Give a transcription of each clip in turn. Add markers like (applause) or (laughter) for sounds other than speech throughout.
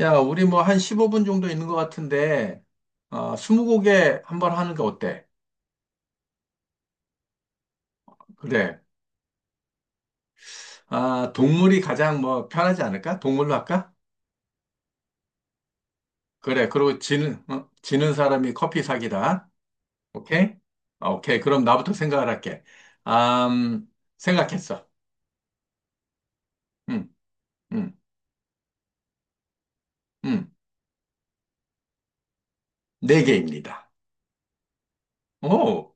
야, 우리 뭐 한 15분 정도 있는 것 같은데, 스무고개 한번 하는 거 어때? 그래. 동물이 가장 뭐 편하지 않을까? 동물로 할까? 그래. 그리고 지는, 어? 지는 사람이 커피 사기다. 오케이? 오케이. 그럼 나부터 생각을 할게. 아, 음, 생각했어. 음, 음, 음. 네 개입니다. 오,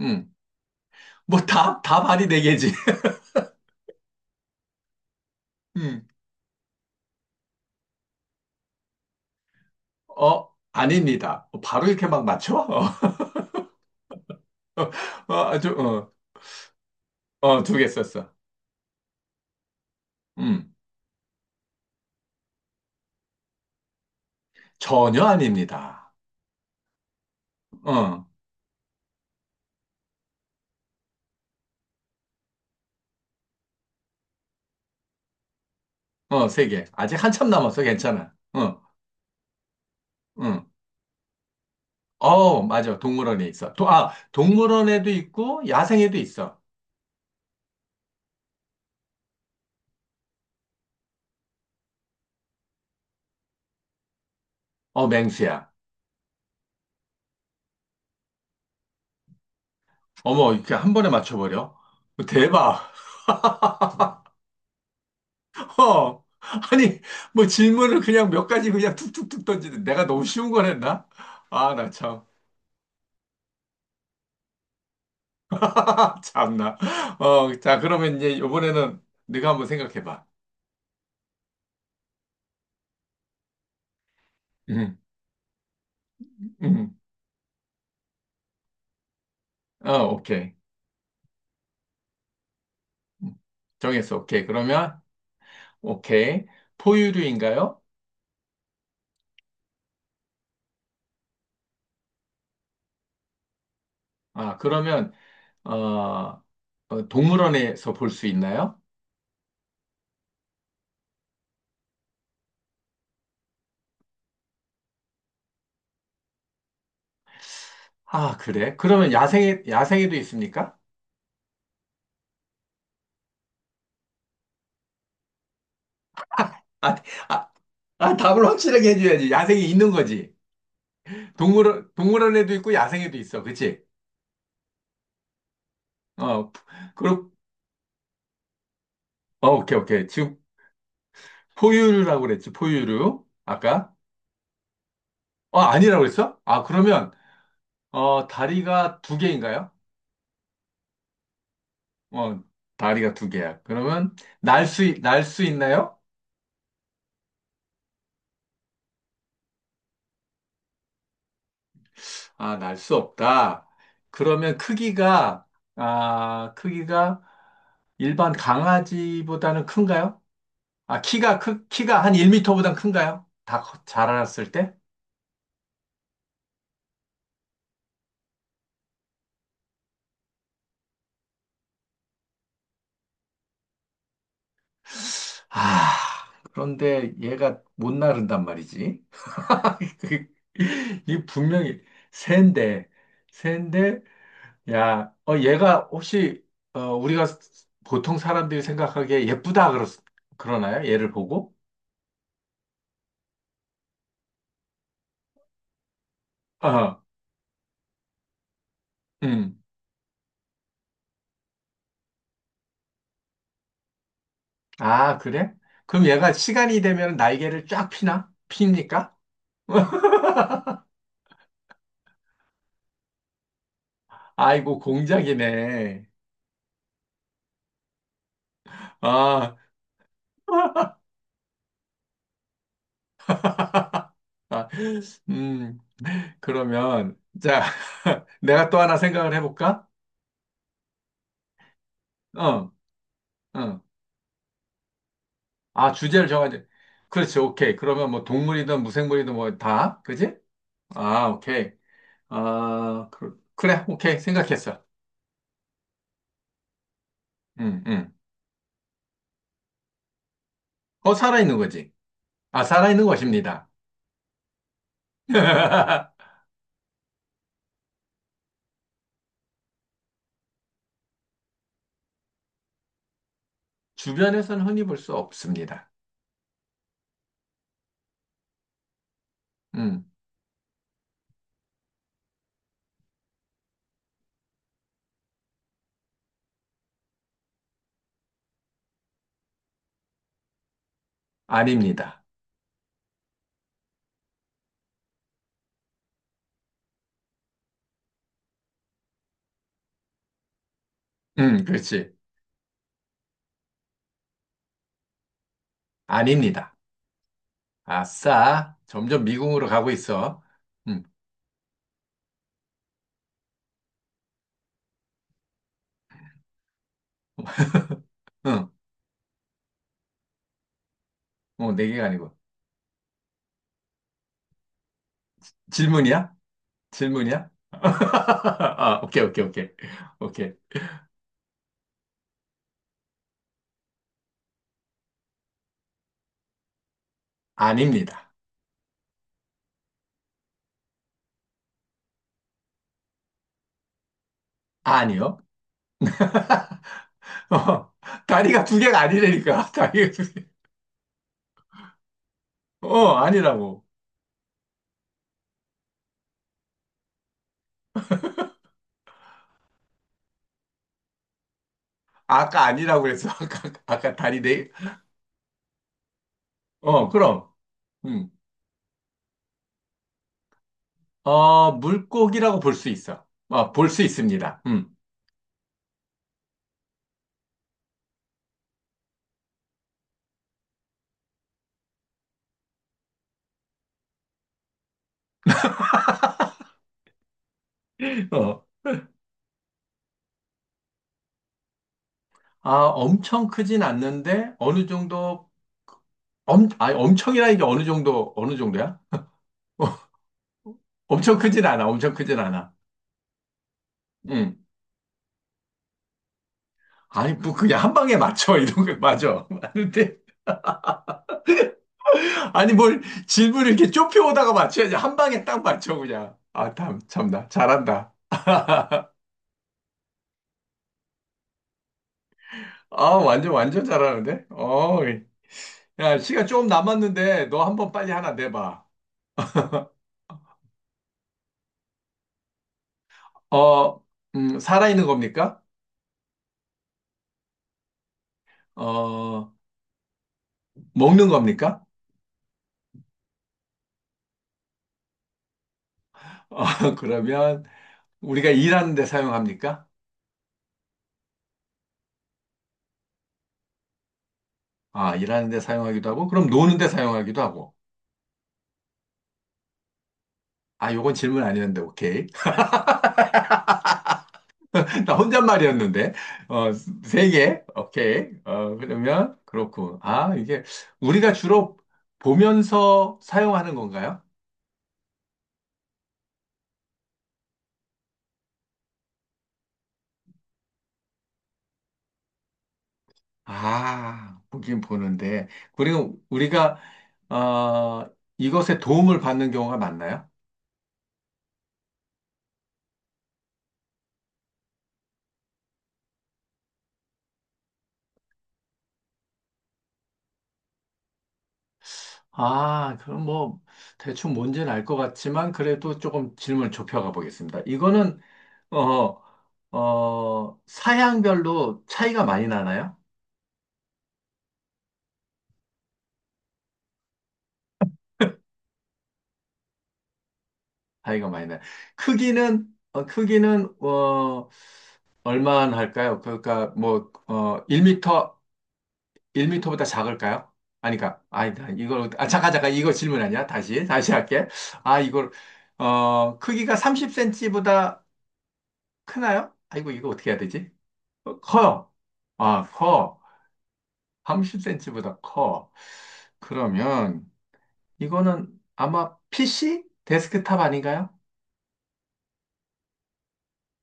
음. 뭐 다 말이 네 개지. (laughs) 음. 아닙니다. 바로 이렇게 막 맞춰? (laughs) 어, 아주, 어, 두 개 썼어. 음. 전혀 아닙니다. 어, 세 개. 아직 한참 남았어. 괜찮아. 응. 맞아. 동물원에 있어. 동물원에도 있고, 야생에도 있어. 맹수야. 어머, 이렇게 한 번에 맞춰버려. 대박. 어. 아니, 뭐 질문을 그냥 몇 가지 그냥 툭툭툭 던지는데 내가 너무 쉬운 걸 했나? 아, 나 참. (laughs) 참나. 자, 그러면 이제 이번에는 네가 한번 생각해봐. 응, 응. 오케이. 음. 정했어. 오케이. 그러면 오케이. 포유류인가요? 아, 그러면, 어, 동물원에서 볼 수 있나요? 그래. 그러면 야생에도 있습니까? 아, 아, 답을 확실하게 해줘야지. 야생에 있는 거지. 동물원에도 있고 야생에도 있어. 그치? 어, 그럼. 오케이, 오케이. 지금 포유류라고 그랬지. 포유류. 아까? 아니라고 그랬어? 다리가 두 개인가요? 어, 다리가 두 개야. 그러면, 날 수 있나요? 날 수 없다. 그러면 크기가 일반 강아지보다는 큰가요? 키가 한1터보단 큰가요? 다 커- 자라났을 때? 아, 그런데 얘가 못 나른단 말이지. (laughs) 그- 이 분명히 새인데, 새인데, 야, 어, 얘가 혹시, 어, 우리가 보통 사람들이 생각하기에 예쁘다 그러나요? 얘를 보고? 어, 음. 그래? 그럼 얘가 시간이 되면 날개를 쫙 피나? 핍니까? (laughs) 아이고, 공작이네. 아, 아, 음, 그러면, 자, (laughs) 내가 또 하나 생각을 해볼까? 어, 어. 주제를 정하지. 그렇지, 오케이. 그러면 뭐 동물이든 무생물이든 뭐 다, 그지? 오케이. 그래, 오케이. 생각했어. 응, 응. 살아있는 거지. 살아있는 것입니다. (laughs) 주변에서는 흔히 볼 수 없습니다. 음. 아닙니다. 그렇지. 아닙니다. 아싸. 점점 미궁으로 가고 있어. 음. 응. 네 개가 아니고. 질문이야? 질문이야? (laughs) 아, 오케이, 오케이, 오케이. 오케이. 아닙니다. 아니요. (laughs) 어, 다리가 두 개가 아니라니까. (laughs) 다리가 두 개. 아니라고. 아까 아니라고 그랬어. (laughs) 아까 다리 네 개. 그럼. 음. 물고기라고 볼 수 있어. 볼 수 있습니다. 음. (laughs) 어. 엄청 크진 않는데 어느 정도 엄청이라 이게 어느 정도야? (laughs) 엄청 크진 않아. 엄청 크진 않아. 응. 아니, 뭐 그냥 한 방에 맞춰 (laughs) 이런 거 맞아. (laughs) 맞는데 아니 뭘 질문을 이렇게 좁혀 오다가 맞춰야지 한 방에 딱 맞춰 그냥. 아, 참 참나 잘한다. 아, 완전 완전 잘하는데. 야, 시간 조금 남았는데 너 한번 빨리 하나 내봐. 어, 살아있는 겁니까? 어, 먹는 겁니까? (laughs) 어, 그러면. 우리가 일하는 데 사용합니까? 아, 일하는 데 사용하기도 하고, 그럼 노는 데 사용하기도 하고. 아, 요건 질문 아니었는데, 오케이. (laughs) 나 혼잣말이었는데. 어, 세 개. 오케이. 그렇군. 아, 이게, 우리가 주로 보면서 사용하는 건가요? 아, 보긴 보는데. 그리고 우리가, 어, 이것에 도움을 받는 경우가 많나요? 아, 그럼 뭐, 대충 뭔지는 알 것 같지만, 그래도 조금 질문을 좁혀가 보겠습니다. 이거는 어, 사양별로 차이가 많이 나나요? 차이가 많이 나요. 크기는, 얼마나 할까요? 그러니까, 뭐, 1미터, 일미터보다 작을까요? 아니까, 아니다. 이걸, 아, 잠깐, 잠깐, 이거 질문 아니야? 다시 할게. 아, 이걸, 크기가 30cm보다 크나요? 아이고, 이거 어떻게 해야 되지? 커요. 커. 30cm보다 커. 그러면, 이거는 아마 PC? 데스크탑 아닌가요?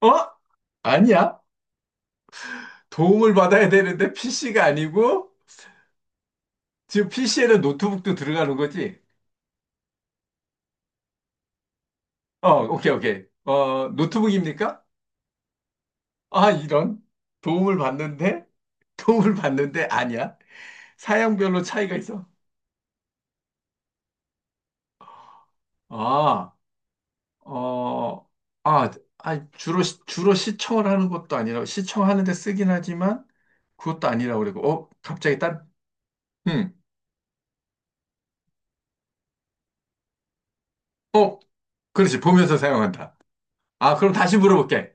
어? 아니야. 도움을 받아야 되는데 PC가 아니고 지금 PC에는 노트북도 들어가는 거지? 오케이, 오케이. 노트북입니까? 아, 이런. 도움을 받는데? (laughs) 도움을 받는데 아니야. 사양별로 차이가 있어. 아, 어, 아, 주로 시청을 하는 것도 아니라, 시청하는데 쓰긴 하지만, 그것도 아니라고 그러고, 갑자기 딴, 음, 어, 그렇지, 보면서 사용한다. 그럼 다시 물어볼게.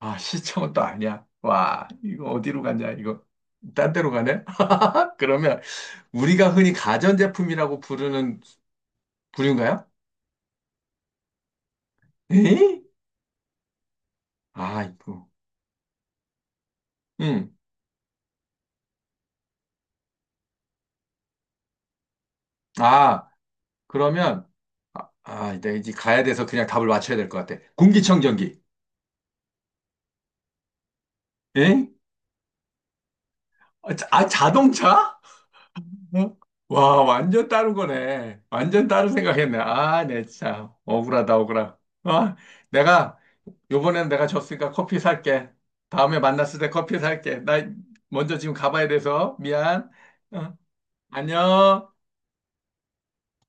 시청은 또 아니야. 와, 이거 어디로 가냐, 이거. 딴 데로 가네? (laughs) 그러면 우리가 흔히 가전제품이라고 부르는 부류인가요? 에이? 아, 이거. 응. 아, 그러면, 내가 이제 가야 돼서 그냥 답을 맞춰야 될 것 같아. 공기청정기. 에이? 자동차? 어? 와, 완전 다른 거네. 완전 다른 생각했네. 아, 내 참. 억울하다, 억울하. 아, 내가 요번엔 내가 졌으니까 커피 살게. 다음에 만났을 때 커피 살게. 나 먼저 지금 가봐야 돼서 미안. 어, 안녕.